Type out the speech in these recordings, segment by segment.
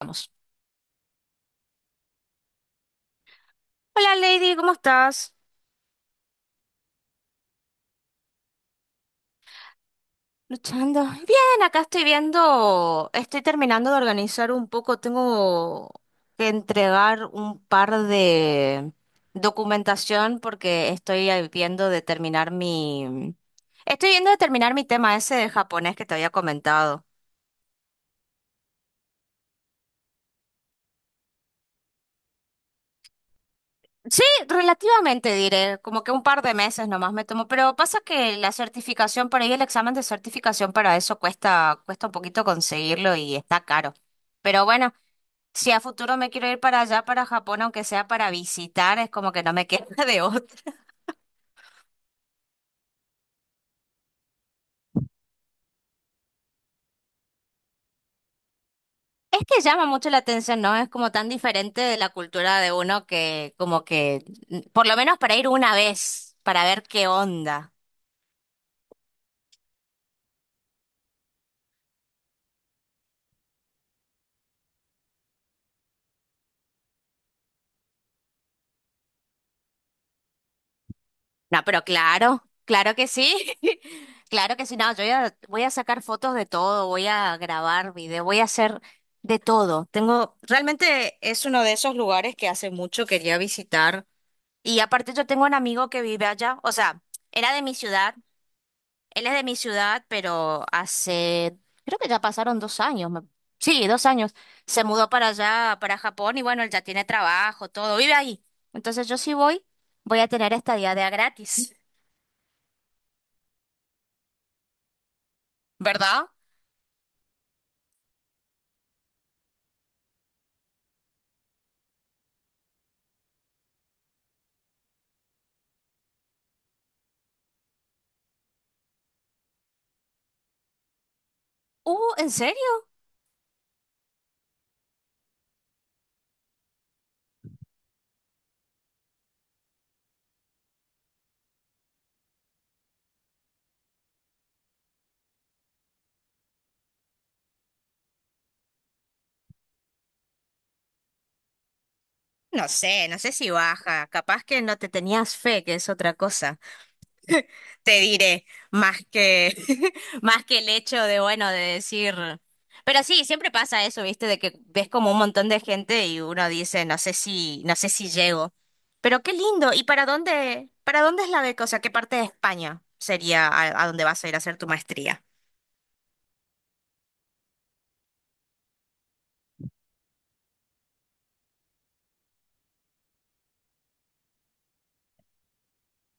Vamos. Hola Lady, ¿cómo estás? Luchando. Bien, acá estoy viendo, estoy terminando de organizar un poco, tengo que entregar un par de documentación porque estoy ahí viendo de terminar mi, estoy viendo de terminar mi tema ese de japonés que te había comentado. Sí, relativamente diré, como que un par de meses nomás me tomo, pero pasa que la certificación por ahí, el examen de certificación para eso cuesta, cuesta un poquito conseguirlo y está caro. Pero bueno. Si a futuro me quiero ir para allá, para Japón, aunque sea para visitar, es como que no me queda de otra. Es que llama mucho la atención, ¿no? Es como tan diferente de la cultura de uno que como que, por lo menos para ir una vez, para ver qué onda. No, pero claro, claro que sí. Claro que sí, no, voy a sacar fotos de todo, voy a grabar video, voy a hacer de todo. Tengo, realmente es uno de esos lugares que hace mucho quería visitar. Y aparte yo tengo un amigo que vive allá, o sea, era de mi ciudad, él es de mi ciudad, pero hace, creo que ya pasaron dos años, sí, dos años, se mudó para allá, para Japón y bueno, él ya tiene trabajo, todo, vive ahí. Entonces yo sí voy, voy a tener estadía de a gratis, ¿verdad? ¿En serio? No sé, no sé si baja, capaz que no te tenías fe, que es otra cosa. Te diré, más que, más que el hecho de, bueno, de decir. Pero sí, siempre pasa eso, ¿viste? De que ves como un montón de gente y uno dice, no sé si, no sé si llego. Pero qué lindo. ¿Y para dónde es la beca? O sea, ¿qué parte de España sería a dónde vas a ir a hacer tu maestría?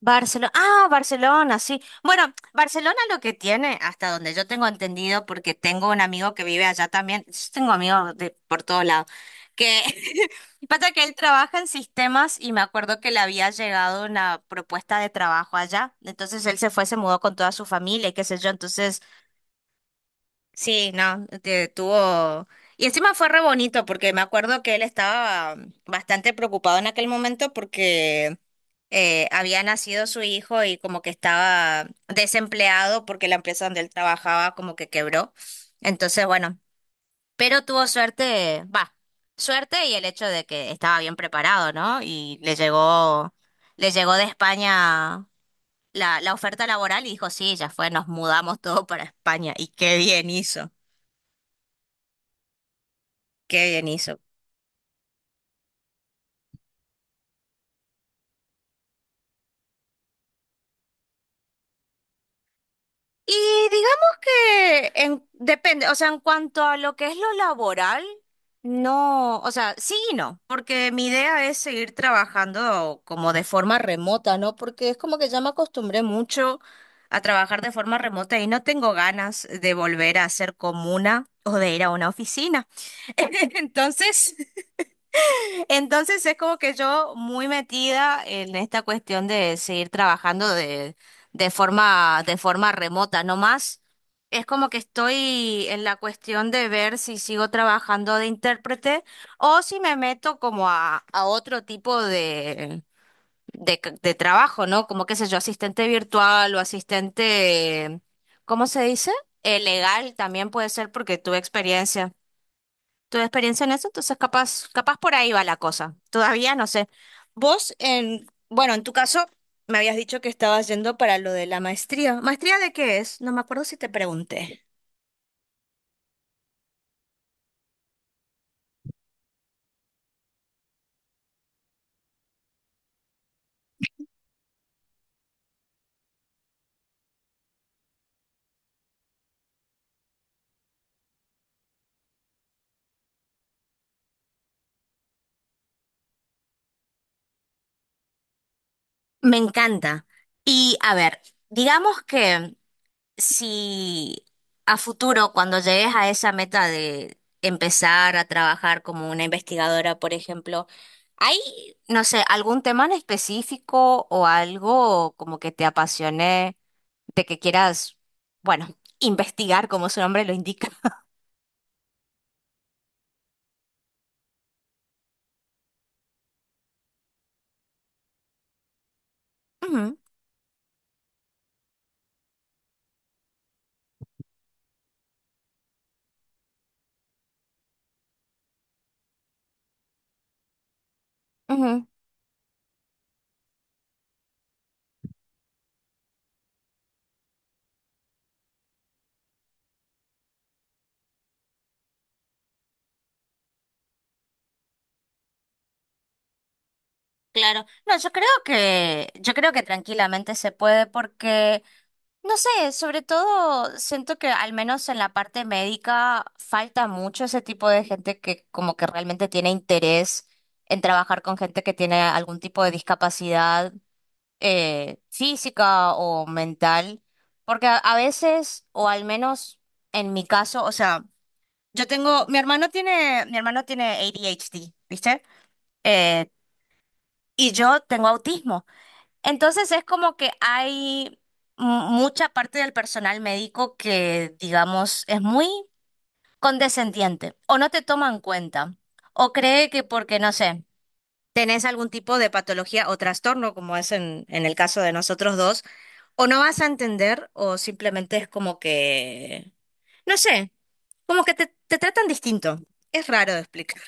Barcelona. Ah, Barcelona, sí. Bueno, Barcelona lo que tiene, hasta donde yo tengo entendido, porque tengo un amigo que vive allá también. Yo tengo amigos de por todos lados. Que pasa que él trabaja en sistemas y me acuerdo que le había llegado una propuesta de trabajo allá. Entonces él se fue, se mudó con toda su familia y qué sé yo. Entonces, sí, no, tuvo... Y encima fue re bonito porque me acuerdo que él estaba bastante preocupado en aquel momento porque había nacido su hijo y como que estaba desempleado porque la empresa donde él trabajaba como que quebró. Entonces, bueno. Pero tuvo suerte, va, suerte y el hecho de que estaba bien preparado, ¿no? Y le llegó de España la, la oferta laboral y dijo, sí, ya fue, nos mudamos todo para España. Y qué bien hizo, qué bien hizo. Y digamos que depende, o sea, en cuanto a lo que es lo laboral, no, o sea, sí y no, porque mi idea es seguir trabajando como de forma remota, ¿no? Porque es como que ya me acostumbré mucho a trabajar de forma remota y no tengo ganas de volver a ser comuna o de ir a una oficina. Entonces, entonces es como que yo muy metida en esta cuestión de seguir trabajando de forma remota, no más. Es como que estoy en la cuestión de ver si sigo trabajando de intérprete o si me meto como a otro tipo de, de trabajo, ¿no? Como qué sé yo, asistente virtual o asistente, ¿cómo se dice? Legal también puede ser porque tuve experiencia tu experiencia en eso, entonces capaz, capaz por ahí va la cosa. Todavía no sé. Vos, en, bueno, en tu caso, me habías dicho que estabas yendo para lo de la maestría. ¿Maestría de qué es? No me acuerdo si te pregunté. Me encanta. Y a ver, digamos que si a futuro, cuando llegues a esa meta de empezar a trabajar como una investigadora, por ejemplo, ¿hay, no sé, algún tema en específico o algo como que te apasione de que quieras, bueno, investigar como su nombre lo indica? Ujú, ujú, claro, no, yo creo que tranquilamente se puede porque no sé, sobre todo siento que al menos en la parte médica falta mucho ese tipo de gente que como que realmente tiene interés en trabajar con gente que tiene algún tipo de discapacidad física o mental, porque a veces, o al menos en mi caso, o sea, yo tengo, mi hermano tiene ADHD, ¿viste? Eh, y yo tengo autismo. Entonces es como que hay mu- mucha parte del personal médico que, digamos, es muy condescendiente o no te toma en cuenta o cree que porque, no sé, tenés algún tipo de patología o trastorno, como es en el caso de nosotros dos, o no vas a entender o simplemente es como que, no sé, como que te tratan distinto. Es raro de explicar.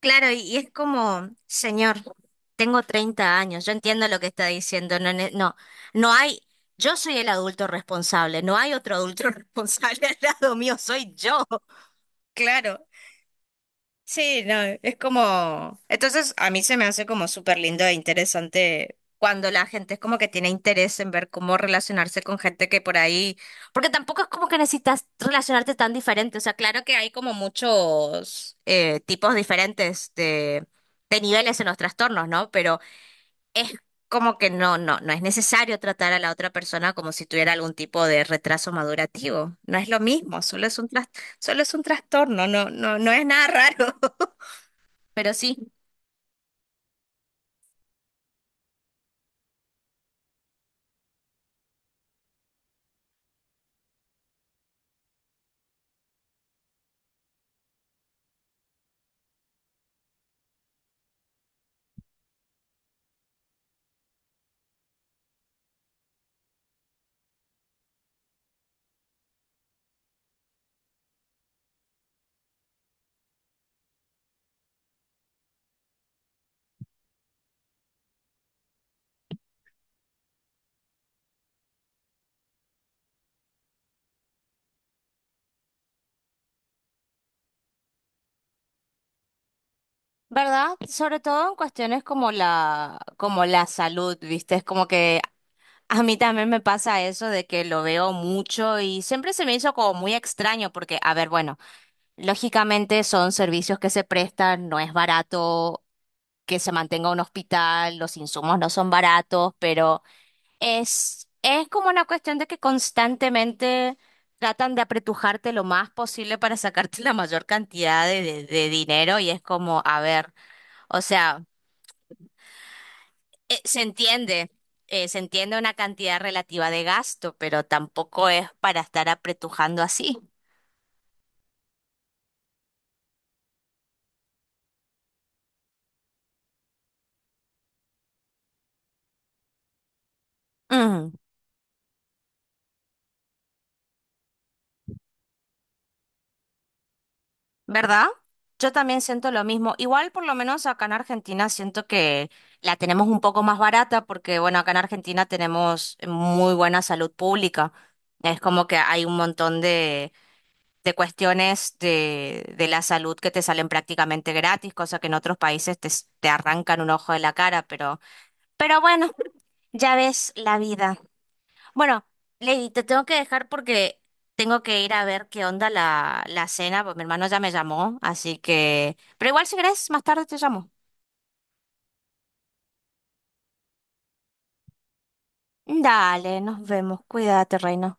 Claro, y es como, señor, tengo 30 años, yo entiendo lo que está diciendo, no, no, no hay, yo soy el adulto responsable, no hay otro adulto responsable al lado mío, soy yo, claro. Sí, no, es como... Entonces a mí se me hace como súper lindo e interesante cuando la gente es como que tiene interés en ver cómo relacionarse con gente que por ahí... Porque tampoco es como que necesitas relacionarte tan diferente. O sea, claro que hay como muchos tipos diferentes de niveles en los trastornos, ¿no? Pero es como que no, no, no es necesario tratar a la otra persona como si tuviera algún tipo de retraso madurativo. No es lo mismo, solo es un trastorno, no, no, no es nada raro. Pero sí, ¿verdad? Sobre todo en cuestiones como la salud, ¿viste? Es como que a mí también me pasa eso de que lo veo mucho y siempre se me hizo como muy extraño porque, a ver, bueno, lógicamente son servicios que se prestan, no es barato que se mantenga un hospital, los insumos no son baratos, pero es como una cuestión de que constantemente tratan de apretujarte lo más posible para sacarte la mayor cantidad de dinero y es como, a ver. O sea, eh, se entiende, se entiende una cantidad relativa de gasto, pero tampoco es para estar apretujando así. Mm, ¿Verdad? Yo también siento lo mismo. Igual, por lo menos acá en Argentina, siento que la tenemos un poco más barata porque, bueno, acá en Argentina tenemos muy buena salud pública. Es como que hay un montón de cuestiones de la salud que te salen prácticamente gratis, cosa que en otros países te arrancan un ojo de la cara, pero... Pero bueno, ya ves la vida. Bueno, Lady, te tengo que dejar porque tengo que ir a ver qué onda la, la cena, pues mi hermano ya me llamó, así que... Pero igual si querés, más tarde te llamo. Dale, nos vemos. Cuídate, reina.